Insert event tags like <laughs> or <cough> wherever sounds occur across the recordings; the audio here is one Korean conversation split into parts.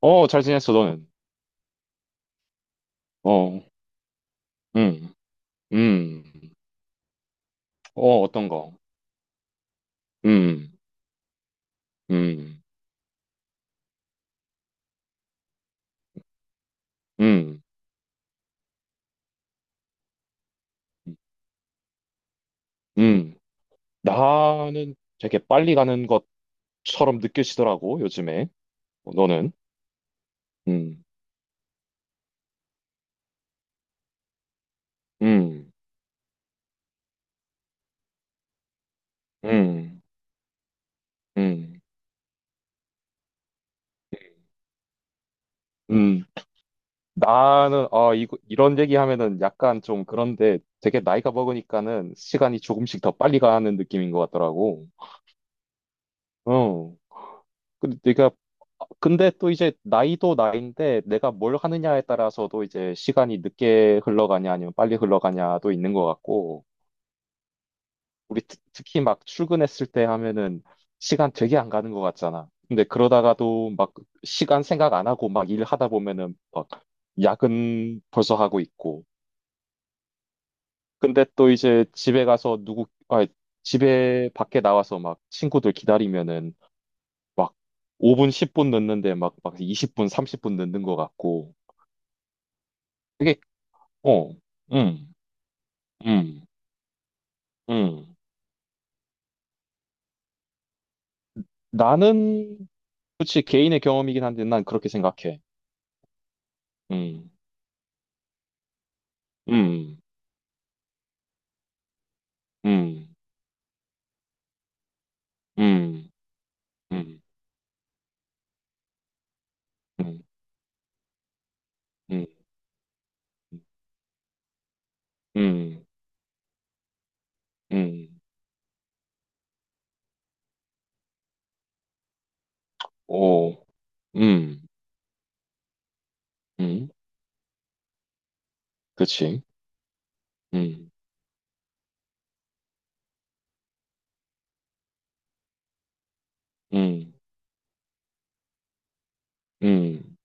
잘 지냈어, 너는? 어, 음, 음, 어, 어떤 거? 음, 음, 음, 음. 나는 되게 빨리 가는 것처럼 느껴지더라고, 요즘에. 어, 너는? 음, 음, 음, 음, 음. 이런 얘기 하면은 약간 좀 그런데 되게 나이가 먹으니까는 시간이 조금씩 더 빨리 가는 느낌인 것 같더라고. 어, 근데 내가 근데 또 이제 나이도 나이인데 내가 뭘 하느냐에 따라서도 이제 시간이 늦게 흘러가냐 아니면 빨리 흘러가냐도 있는 것 같고 우리 특, 히막 출근했을 때 하면은 시간 되게 안 가는 것 같잖아. 근데 그러다가도 막 시간 생각 안 하고 막 일하다 보면은 막 야근 벌써 하고 있고 근데 또 이제 집에 가서 누구 아 집에 밖에 나와서 막 친구들 기다리면은 막 5분, 10분 넣는데 막 20분, 30분 넣는 것 같고. 그게, 어, 음, 음, 음. 나는, 그치, 개인의 경험이긴 한데 난 그렇게 생각해. 음, 음, 음, 음, 음, 음, 음, 음, 음, 음. 오. 음, 음, 그치. 음, 음, 음,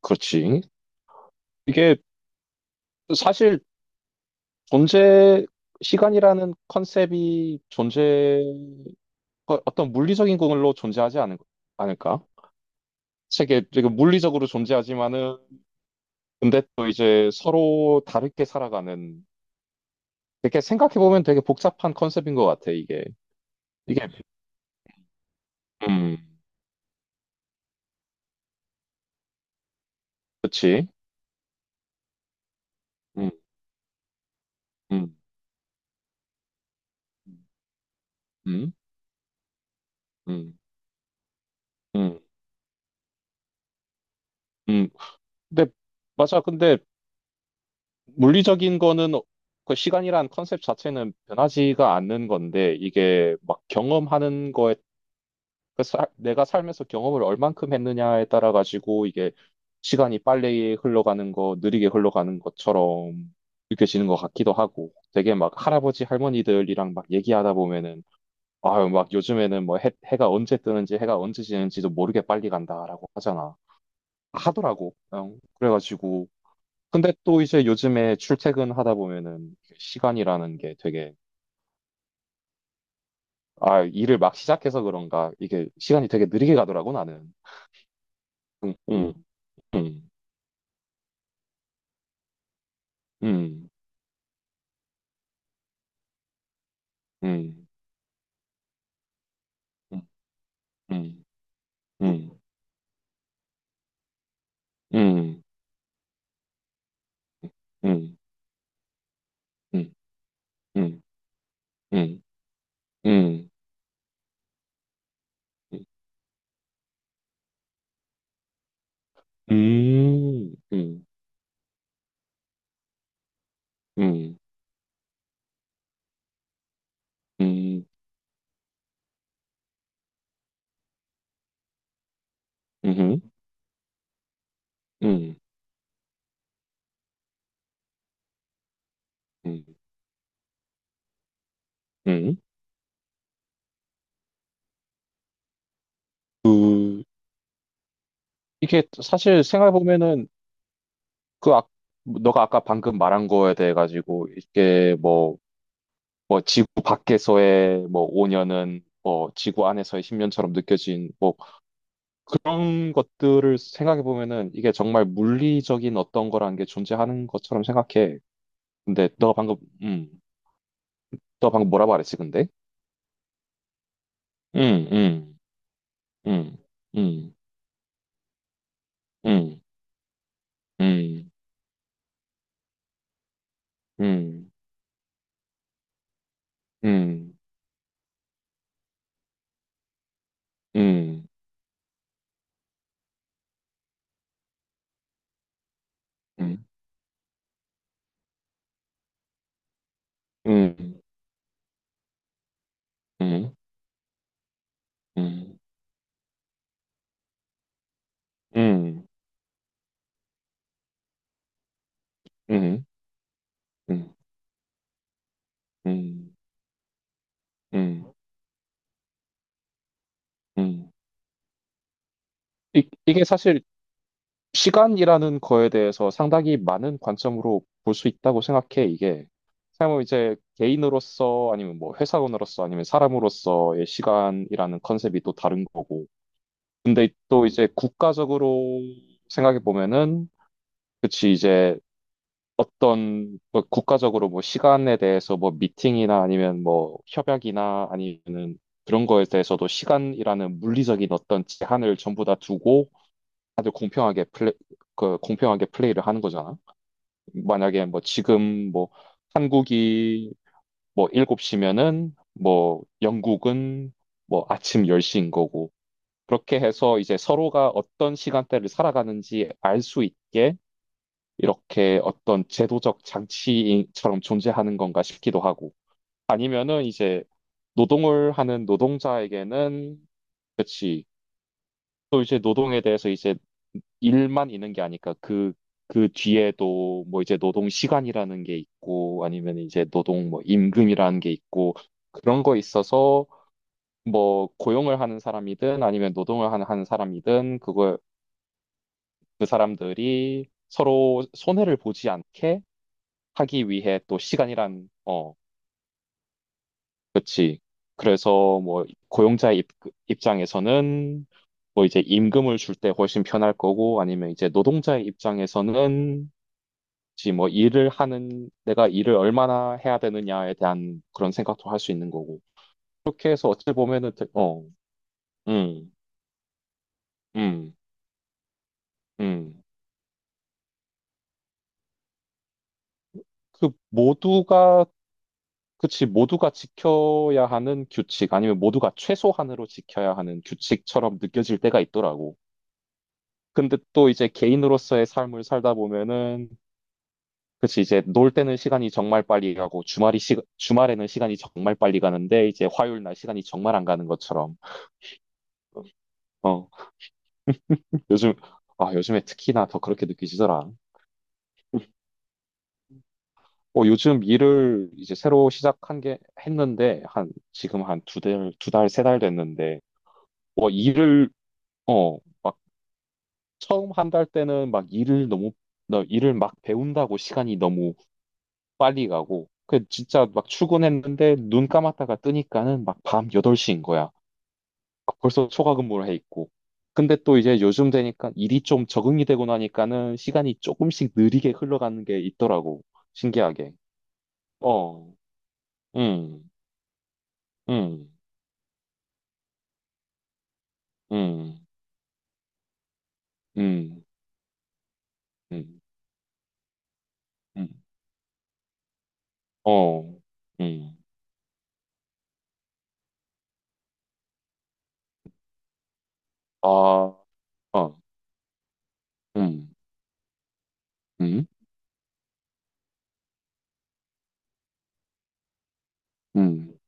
그렇지. 이게 사실 존재, 시간이라는 컨셉이 어떤 물리적인 걸로 존재하지 않은, 않을까? 책에 지금 물리적으로 존재하지만은 근데 또 이제 서로 다르게 살아가는, 이렇게 생각해 보면 되게 복잡한 컨셉인 것 같아 이게. 이게 음 그렇지. 음음음음음 근데 근데 물리적인 거는, 그 시간이란 컨셉 자체는 변하지가 않는 건데 이게 막 경험하는 거에, 내가 살면서 경험을 얼만큼 했느냐에 따라 가지고 이게 시간이 빨리 흘러가는 거, 느리게 흘러가는 것처럼 느껴지는 것 같기도 하고. 되게 막 할아버지 할머니들이랑 막 얘기하다 보면은 아유 막 해가 언제 뜨는지 해가 언제 지는지도 모르게 빨리 간다라고 하잖아, 하더라고. 응, 그래가지고 근데 또 이제 요즘에 출퇴근하다 보면은 시간이라는 게 되게, 아, 일을 막 시작해서 그런가 이게 시간이 되게 느리게 가더라고 나는. 응, 응, 응. 음, 음, 음, 음, 음, 음, 음, 음, 음, 음, 음, 음, 음, 음, 음, 음, 음, 음, 음. 그, 이게 사실 생각해보면은, 그, 아, 너가 아까 방금 말한 거에 대해 가지고, 지구 밖에서의 5년은, 지구 안에서의 10년처럼 느껴진, 뭐 그런 것들을 생각해 보면은 이게 정말 물리적인 어떤 거라는 게 존재하는 것처럼 생각해. 근데 너 방금, 음, 너 방금 뭐라고 말했지, 근데? 음, 음, 음, 음, 음, 음, 음, 음, 음, 음, 음, 음, 음, 음, 음, 음, 음, 음, 음. 이게 사실 시간이라는 거에 대해서 상당히 많은 관점으로 볼 수 있다고 생각해, 이게. 사람은 이제 개인으로서 아니면 뭐 회사원으로서 아니면 사람으로서의 시간이라는 컨셉이 또 다른 거고. 근데 또 이제 국가적으로 생각해 보면은, 그치, 이제 어떤 뭐 국가적으로 뭐 시간에 대해서 뭐 미팅이나 아니면 뭐 협약이나 아니면은 그런 거에 대해서도 시간이라는 물리적인 어떤 제한을 전부 다 두고 다들 그 공평하게 플레이를 하는 거잖아. 만약에 뭐 지금 뭐 한국이 뭐 7시면은 뭐 영국은 뭐 아침 10시인 거고. 그렇게 해서 이제 서로가 어떤 시간대를 살아가는지 알 수 있게 이렇게 어떤 제도적 장치처럼 존재하는 건가 싶기도 하고. 아니면은 이제 노동을 하는 노동자에게는, 그치, 또 이제 노동에 대해서 이제 일만 있는 게 아니까 그 뒤에도 뭐 이제 노동 시간이라는 게 있고 아니면 이제 노동 뭐 임금이라는 게 있고 그런 거 있어서 뭐 고용을 하는 사람이든 아니면 하는 사람이든 그걸 그 사람들이 서로 손해를 보지 않게 하기 위해 또 시간이란, 그렇지, 그래서 뭐 입장에서는 뭐 이제 임금을 줄 때 훨씬 편할 거고 아니면 이제 노동자의 입장에서는 혹시 뭐 일을 하는 내가 일을 얼마나 해야 되느냐에 대한 그런 생각도 할 수 있는 거고. 그렇게 해서 어찌 보면은 되- 어, 음, 음, 음. 그 모두가 그치, 모두가 지켜야 하는 규칙 아니면 모두가 최소한으로 지켜야 하는 규칙처럼 느껴질 때가 있더라고. 근데 또 이제 개인으로서의 삶을 살다 보면은, 그치, 이제 놀 때는 시간이 정말 빨리 가고, 주말에는 시간이 정말 빨리 가는데, 이제 화요일 날 시간이 정말 안 가는 것처럼. 어, 요즘, 아, 요즘에 특히나 더 그렇게 느끼시더라. 어, 요즘 일을 이제 새로 시작한 게, 했는데, 지금 한 세 달 됐는데, 어, 일을, 막 처음 한 달 때는 막 일을 너무, 너 일을 막 배운다고 시간이 너무 빨리 가고, 그 진짜 막 출근했는데, 눈 감았다가 뜨니까는 막 밤 8시인 거야. 벌써 초과 근무를 해 있고. 근데 또 이제 요즘 되니까 일이 좀 적응이 되고 나니까는 시간이 조금씩 느리게 흘러가는 게 있더라고. 신기하게. 어, 음, 음, 음, 음, 음, 음, 어, 음, 아, 어, 음, 음, 음.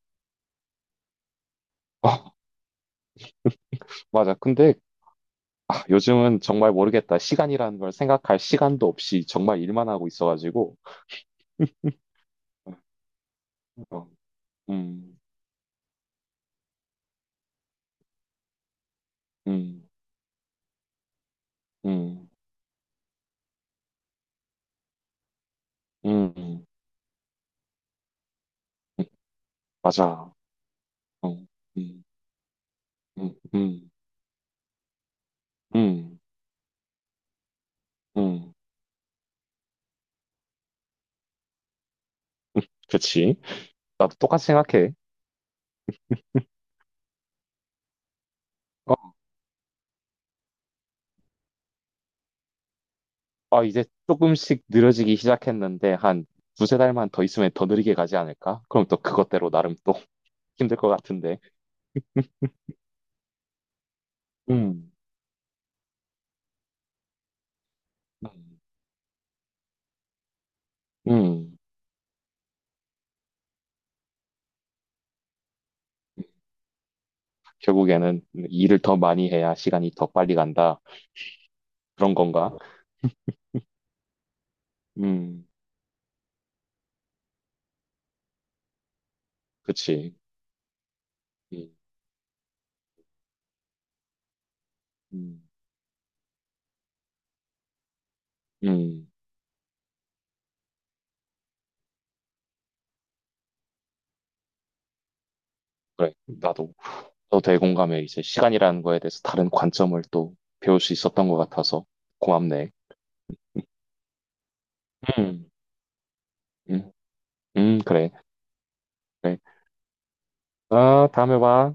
아, 맞아. 요즘은 정말 모르겠다. 시간이라는 걸 생각할 시간도 없이 정말 일만 하고 있어가지고. 어, 어, 음, 음, 음, 음, 음, 맞아. 어, 음, 음, 음, 음, 음. 그치. 나도 똑같이 생각해. 어, <laughs> 아, 이제 조금씩 느려지기 시작했는데, 한 두세 달만 더 있으면 더 느리게 가지 않을까? 그럼 또 그것대로 나름 또 <laughs> 힘들 것 같은데. 음, 음, 음. 결국에는 일을 더 많이 해야 시간이 더 빨리 간다. 그런 건가? 음, 그치. 음, 음, 음. 그래, 나도. 또 대공감에 이제 시간이라는 거에 대해서 다른 관점을 또 배울 수 있었던 것 같아서 고맙네. 음. 음, 그래, 그래. 아, 다음에 봐.